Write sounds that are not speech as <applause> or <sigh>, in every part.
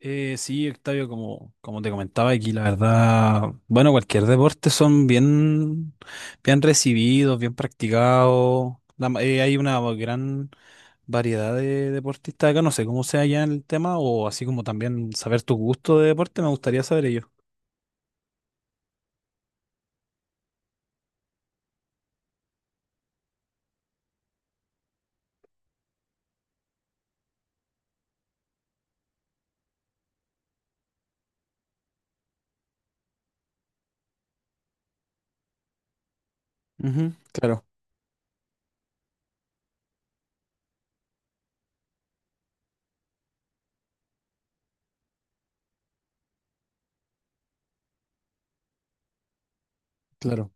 Sí, Octavio, como te comentaba aquí, la verdad, bueno, cualquier deporte son bien, bien recibidos, bien practicados. Hay una gran variedad de deportistas acá, no sé cómo sea ya en el tema, o así como también saber tu gusto de deporte, me gustaría saber ello. Ujú. Claro, claro,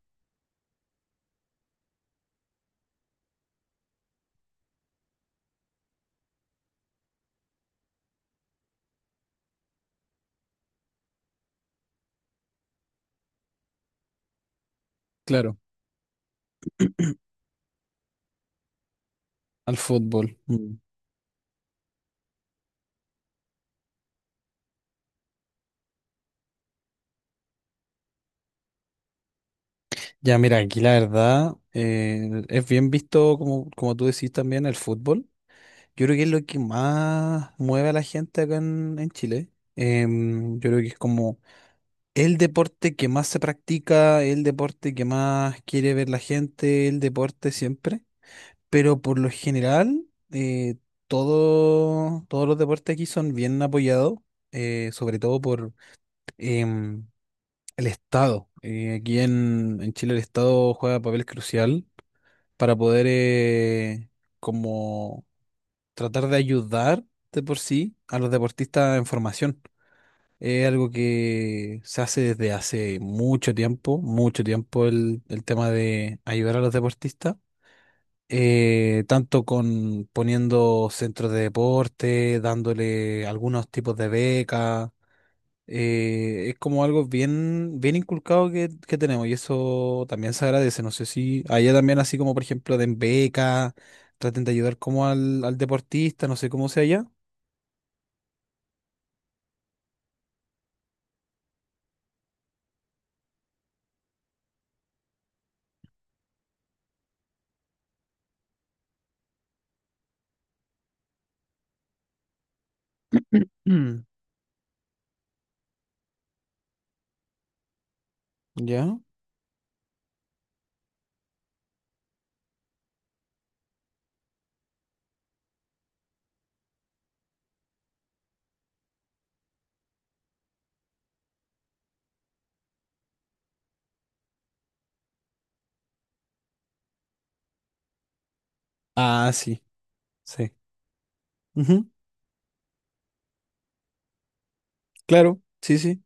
claro, al fútbol. Mm. Ya, mira, aquí la verdad es bien visto, como, como tú decís también, el fútbol. Yo creo que es lo que más mueve a la gente acá en Chile. Yo creo que es como el deporte que más se practica, el deporte que más quiere ver la gente, el deporte siempre. Pero por lo general, eh, todos los deportes aquí son bien apoyados, sobre todo por em, el Estado. Aquí en Chile el Estado juega papel crucial para poder como tratar de ayudar de por sí a los deportistas en formación. Es algo que se hace desde hace mucho tiempo el tema de ayudar a los deportistas, tanto con poniendo centros de deporte, dándole algunos tipos de becas. Es como algo bien, bien inculcado que tenemos y eso también se agradece. No sé si allá también así como por ejemplo den becas, traten de ayudar como al deportista, no sé cómo sea allá. Mm. <clears throat> ¿Ya? Ah, sí, sí. Ujú. Claro, sí, sí.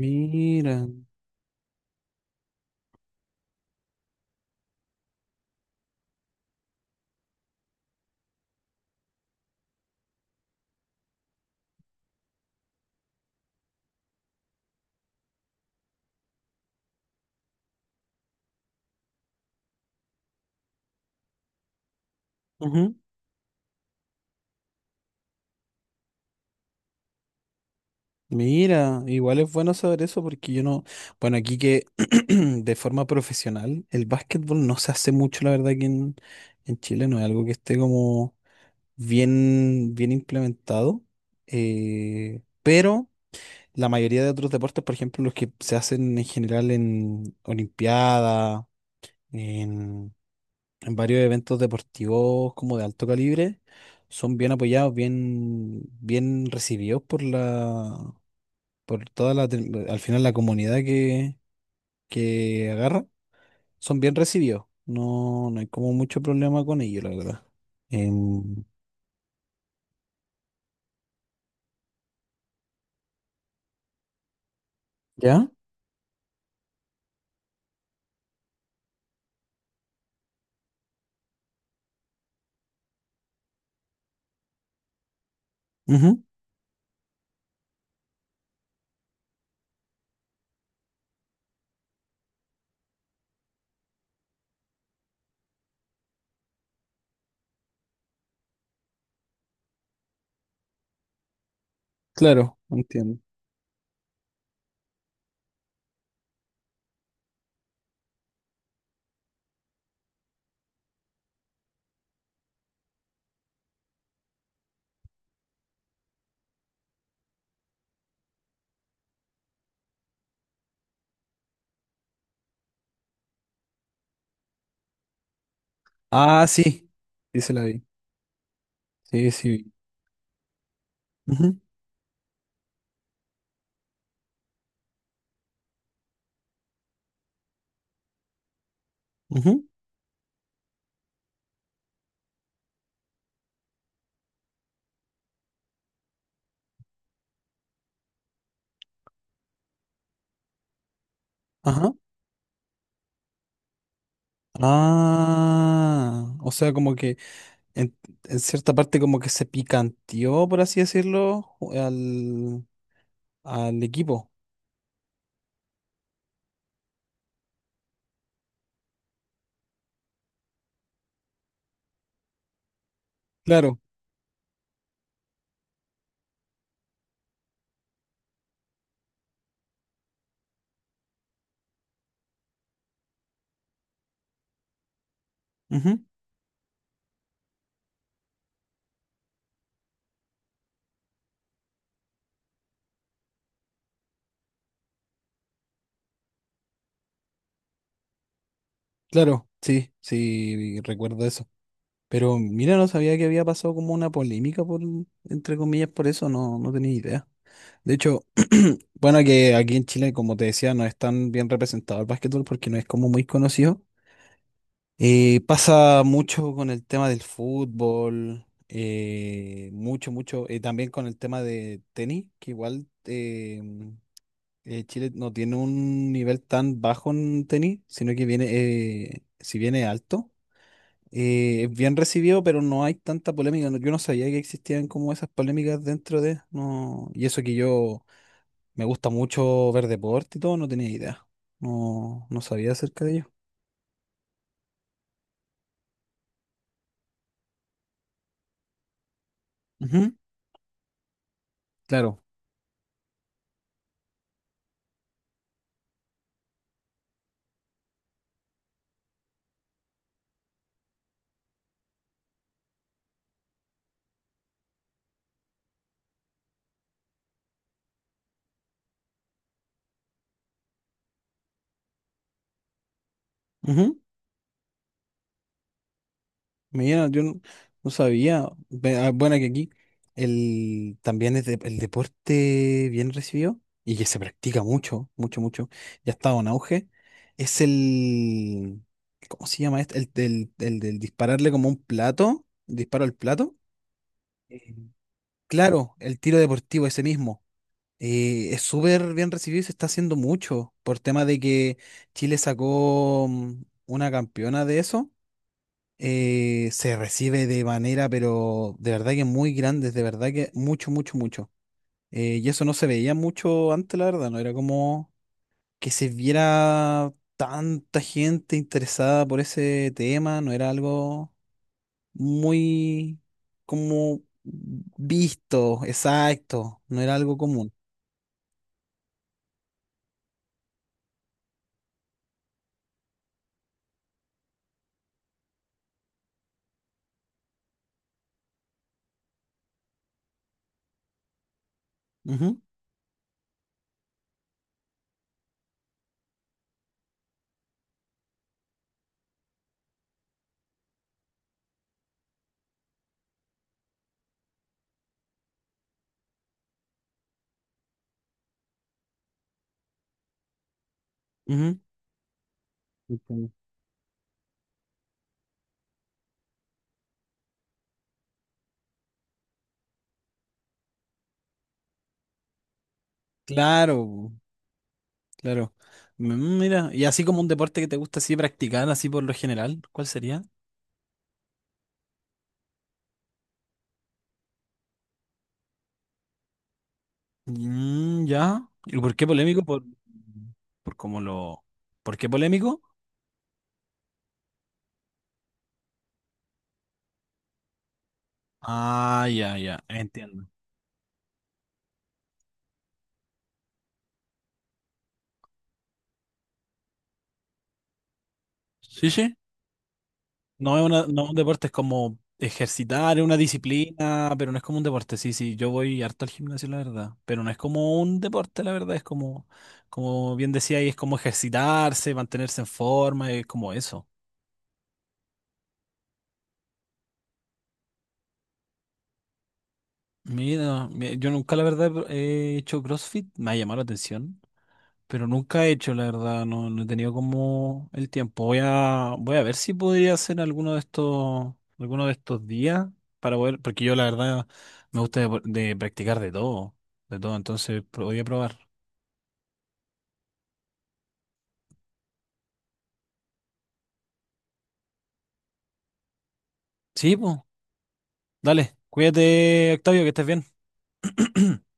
Mira. Ujú. Mira, igual es bueno saber eso porque yo no, bueno, aquí que <clears throat> de forma profesional, el básquetbol no se hace mucho, la verdad, aquí en Chile, no es algo que esté como bien, bien implementado, pero la mayoría de otros deportes, por ejemplo, los que se hacen en general en Olimpiada, en varios eventos deportivos como de alto calibre, son bien apoyados, bien, bien recibidos por la, por toda la, al final la comunidad que agarra, son bien recibidos. No, no hay como mucho problema con ellos, la verdad. Em, ¿Ya? Ujú. Claro, entiendo. Ah, sí, sí se la vi. Sí, sí vi. Ujú, ujú. Ajá. Ah, o sea, como que en, en cierta parte como que se picanteó, por así decirlo, al, al equipo. Claro, ujú, claro, sí, sí, recuerdo eso. Pero mira, no sabía que había pasado como una polémica por, entre comillas, por eso, no, no tenía idea. De hecho, <clears throat> bueno, que aquí en Chile, como te decía, no es tan bien representado el básquetbol porque no es como muy conocido. Pasa mucho con el tema del fútbol, mucho, mucho. También con el tema de tenis, que igual Chile no tiene un nivel tan bajo en tenis, sino que viene, si viene alto, es bien recibido, pero no hay tanta polémica. Yo no sabía que existían como esas polémicas dentro de, no, y eso que yo me gusta mucho ver deporte y todo, no tenía idea. No, no sabía acerca de ello. Ujú, claro. Mira, yo no, no sabía. Bueno, que aquí el, también es el deporte bien recibido y que se practica mucho, mucho, mucho. Ya ha estado en auge. Es el, ¿cómo se llama este? El, del dispararle como un plato, disparo al plato. Eh, Claro, el tiro deportivo, ese mismo. Es súper bien recibido y se está haciendo mucho por tema de que Chile sacó mm, una campeona de eso se recibe de manera, pero de verdad que muy grande, de verdad que mucho, mucho, mucho. Y eso no se veía mucho antes, la verdad, no era como que se viera tanta gente interesada por ese tema, no era algo muy como visto, exacto, no era algo común. Ujú, ujú. Entiendo. Claro, claro. Mm. Mira, y así como un deporte que te gusta así practicar, así por lo general, ¿cuál sería? Mm, ya. ¿Y por qué polémico? Por cómo lo. ¿Por qué polémico? Ah, ya, ya. Entiendo. Sí, sí. No es una, no es un deporte, es como ejercitar, es una disciplina, pero no es como un deporte. Sí, sí, yo voy harto al gimnasio, la verdad. Pero no es como un deporte, la verdad. Es como, como bien decía ahí, es como ejercitarse, mantenerse en forma, es como eso. Mira, yo nunca la verdad he hecho CrossFit, me ha llamado la atención. Pero nunca he hecho, la verdad, no, no he tenido como el tiempo. Voy a ver si podría hacer alguno de estos días para poder, porque yo la verdad me gusta de practicar de todo, entonces voy a probar. Sí, pues, dale, cuídate, Octavio, que estés bien. <clears throat>